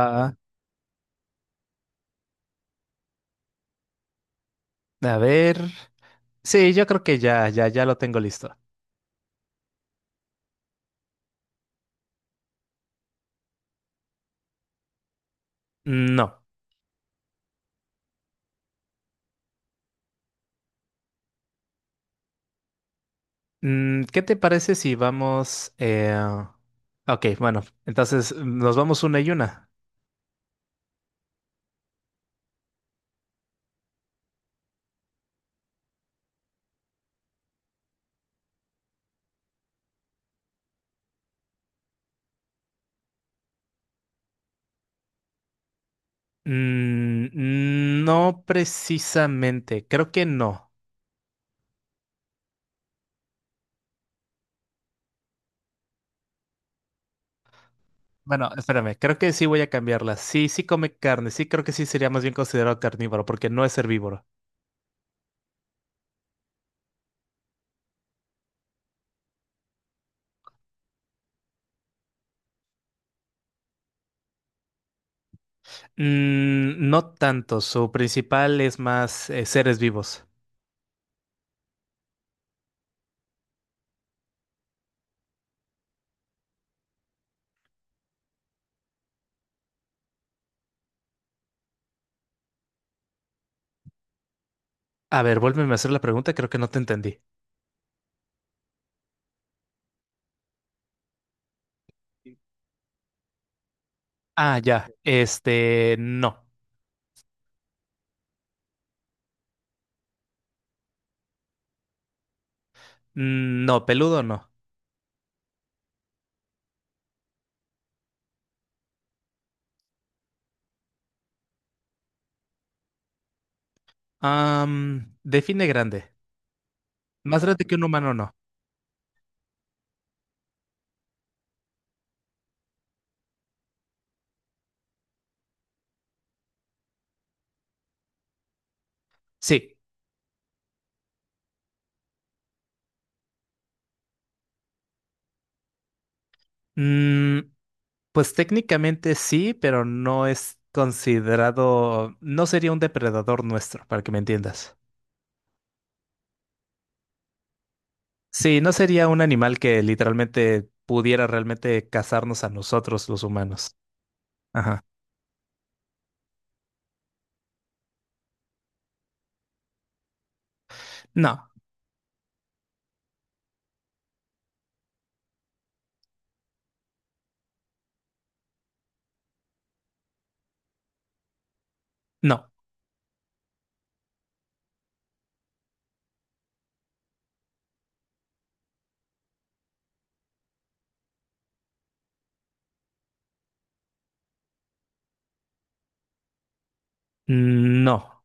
Va, a ver. Sí, yo creo que ya lo tengo listo. No. ¿Qué te parece si vamos... Ok, bueno, entonces nos vamos una y una. No precisamente, creo que no. Bueno, espérame, creo que sí voy a cambiarla. Sí, sí come carne, sí creo que sí sería más bien considerado carnívoro porque no es herbívoro. No tanto, su principal es más seres vivos. A ver, vuélveme a hacer la pregunta, creo que no te entendí. Ah, ya. Este, no. No, peludo no. Define grande. Más grande que un humano, no. Sí. Mm, pues técnicamente sí, pero no es considerado, no sería un depredador nuestro, para que me entiendas. Sí, no sería un animal que literalmente pudiera realmente cazarnos a nosotros los humanos. Ajá. No, no, no.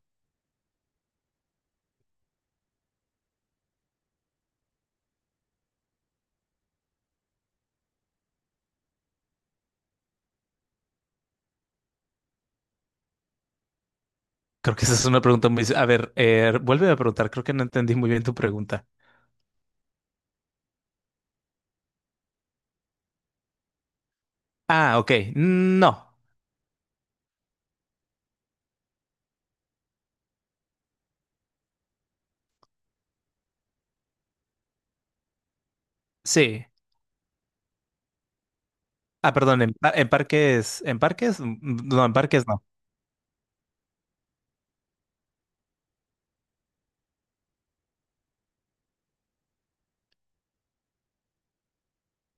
Creo que esa es una pregunta muy... A ver, vuélveme a preguntar, creo que no entendí muy bien tu pregunta. Ah, ok. No. Sí. Ah, perdón, en parques. ¿En parques? No, en parques no.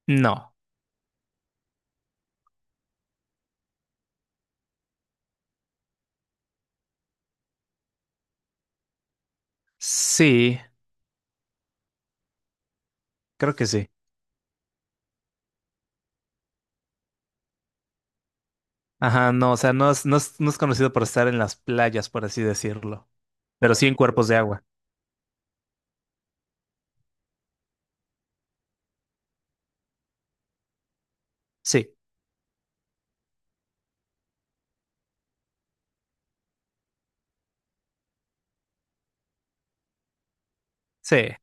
No. Sí, creo que sí. Ajá, no, o sea, no es conocido por estar en las playas, por así decirlo. Pero sí en cuerpos de agua. Sí, sí,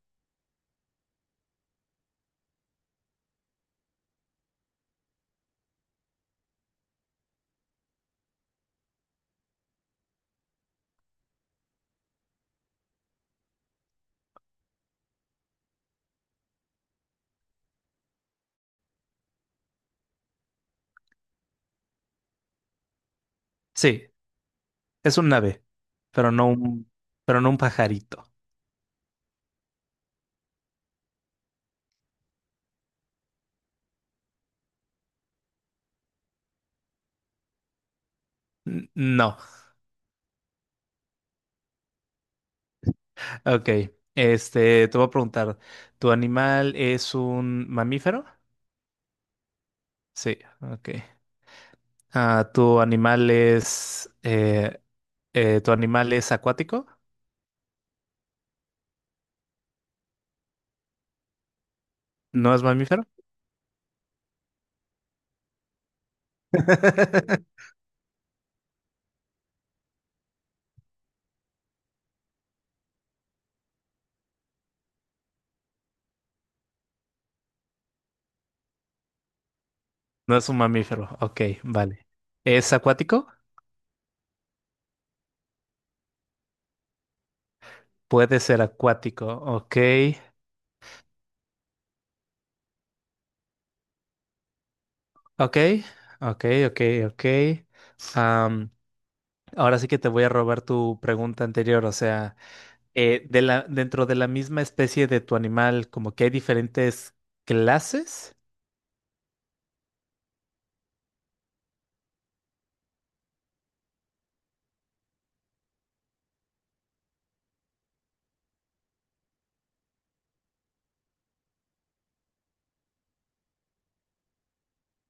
sí. Es un ave, pero no un, pero no un pajarito. No. Ok. Este, te voy a preguntar, ¿tu animal es un mamífero? Sí, ok. Ah, ¿tu animal es, eh, ¿Tu animal es acuático? ¿No es mamífero? No es un mamífero. Ok, vale. ¿Es acuático? Puede ser acuático. Ok, ok, ok, ok, ok. Am, ahora sí que te voy a robar tu pregunta anterior. O sea, dentro de la misma especie de tu animal, como que hay diferentes clases.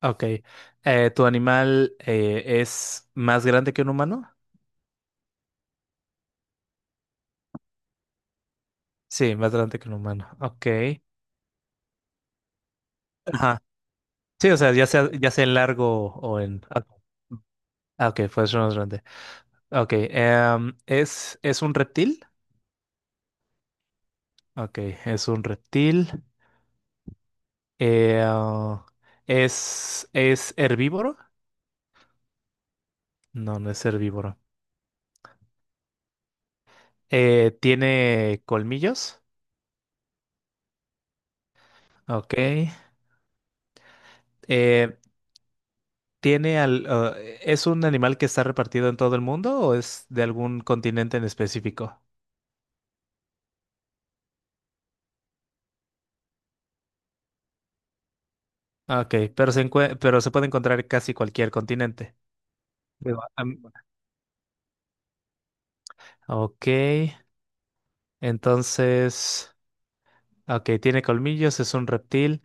Ok. ¿Tu animal es más grande que un humano? Sí, más grande que un humano. Ok. Sí, o sea, ya sea en largo o en... Ah, ah, ok, pues más grande. Ok, es un reptil? Ok, es un reptil. Eh, ah, es herbívoro? No, no es herbívoro. ¿Tiene colmillos? Ok. Eh, ¿tiene al, ah, ¿Es un animal que está repartido en todo el mundo o es de algún continente en específico? Ok, pero pero se puede encontrar en casi cualquier continente. Digo, Ok. Entonces, ok, tiene colmillos, es un reptil.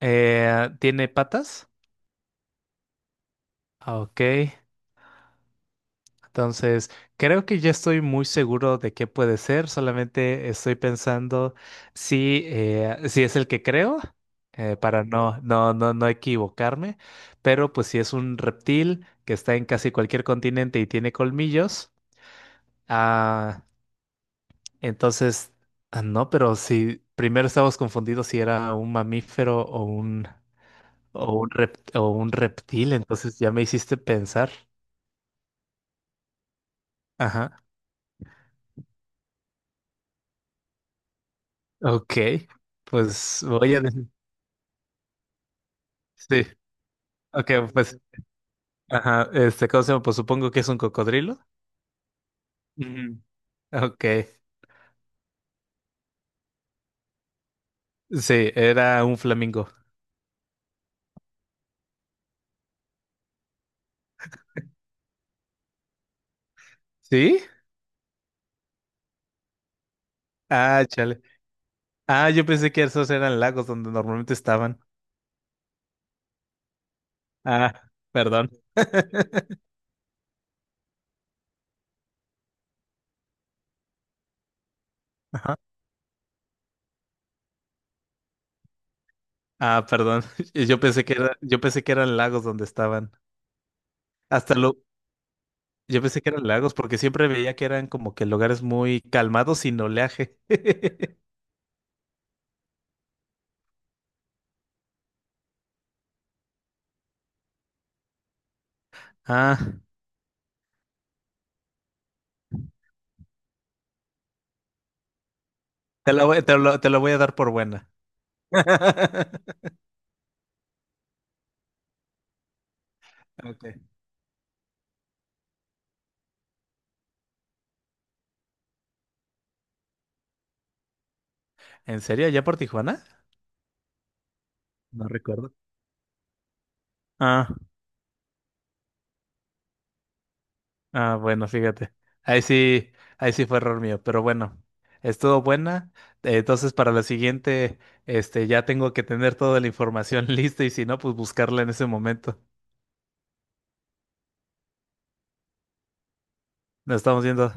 ¿Tiene patas? Ok, entonces creo que ya estoy muy seguro de qué puede ser, solamente estoy pensando si, si es el que creo, para no equivocarme, pero pues si es un reptil que está en casi cualquier continente y tiene colmillos, ah, entonces, no, pero si primero estábamos confundidos si era un mamífero o un... O un o un reptil, entonces ya me hiciste pensar. Ajá. Ok. Pues voy a decir. Sí. Ok, pues. Ajá. Este, ¿cómo se llama? Pues supongo que es un cocodrilo. Ujú. Ok. Sí, era un flamingo. ¿Sí? Ah, chale. Ah, yo pensé que esos eran lagos donde normalmente estaban. Ah, perdón. Ajá. Ah, perdón. Yo pensé que eran lagos donde estaban. Hasta lo, Yo pensé que eran lagos porque siempre veía que eran como que lugares muy calmados sin oleaje. Ah, te lo voy a dar por buena. Ok. ¿En serio? ¿Ya por Tijuana? No recuerdo. Ah, bueno, fíjate. Ahí sí, ahí sí fue error mío, pero bueno, estuvo buena. Entonces, para la siguiente, este, ya tengo que tener toda la información lista y si no, pues buscarla en ese momento. Nos estamos viendo.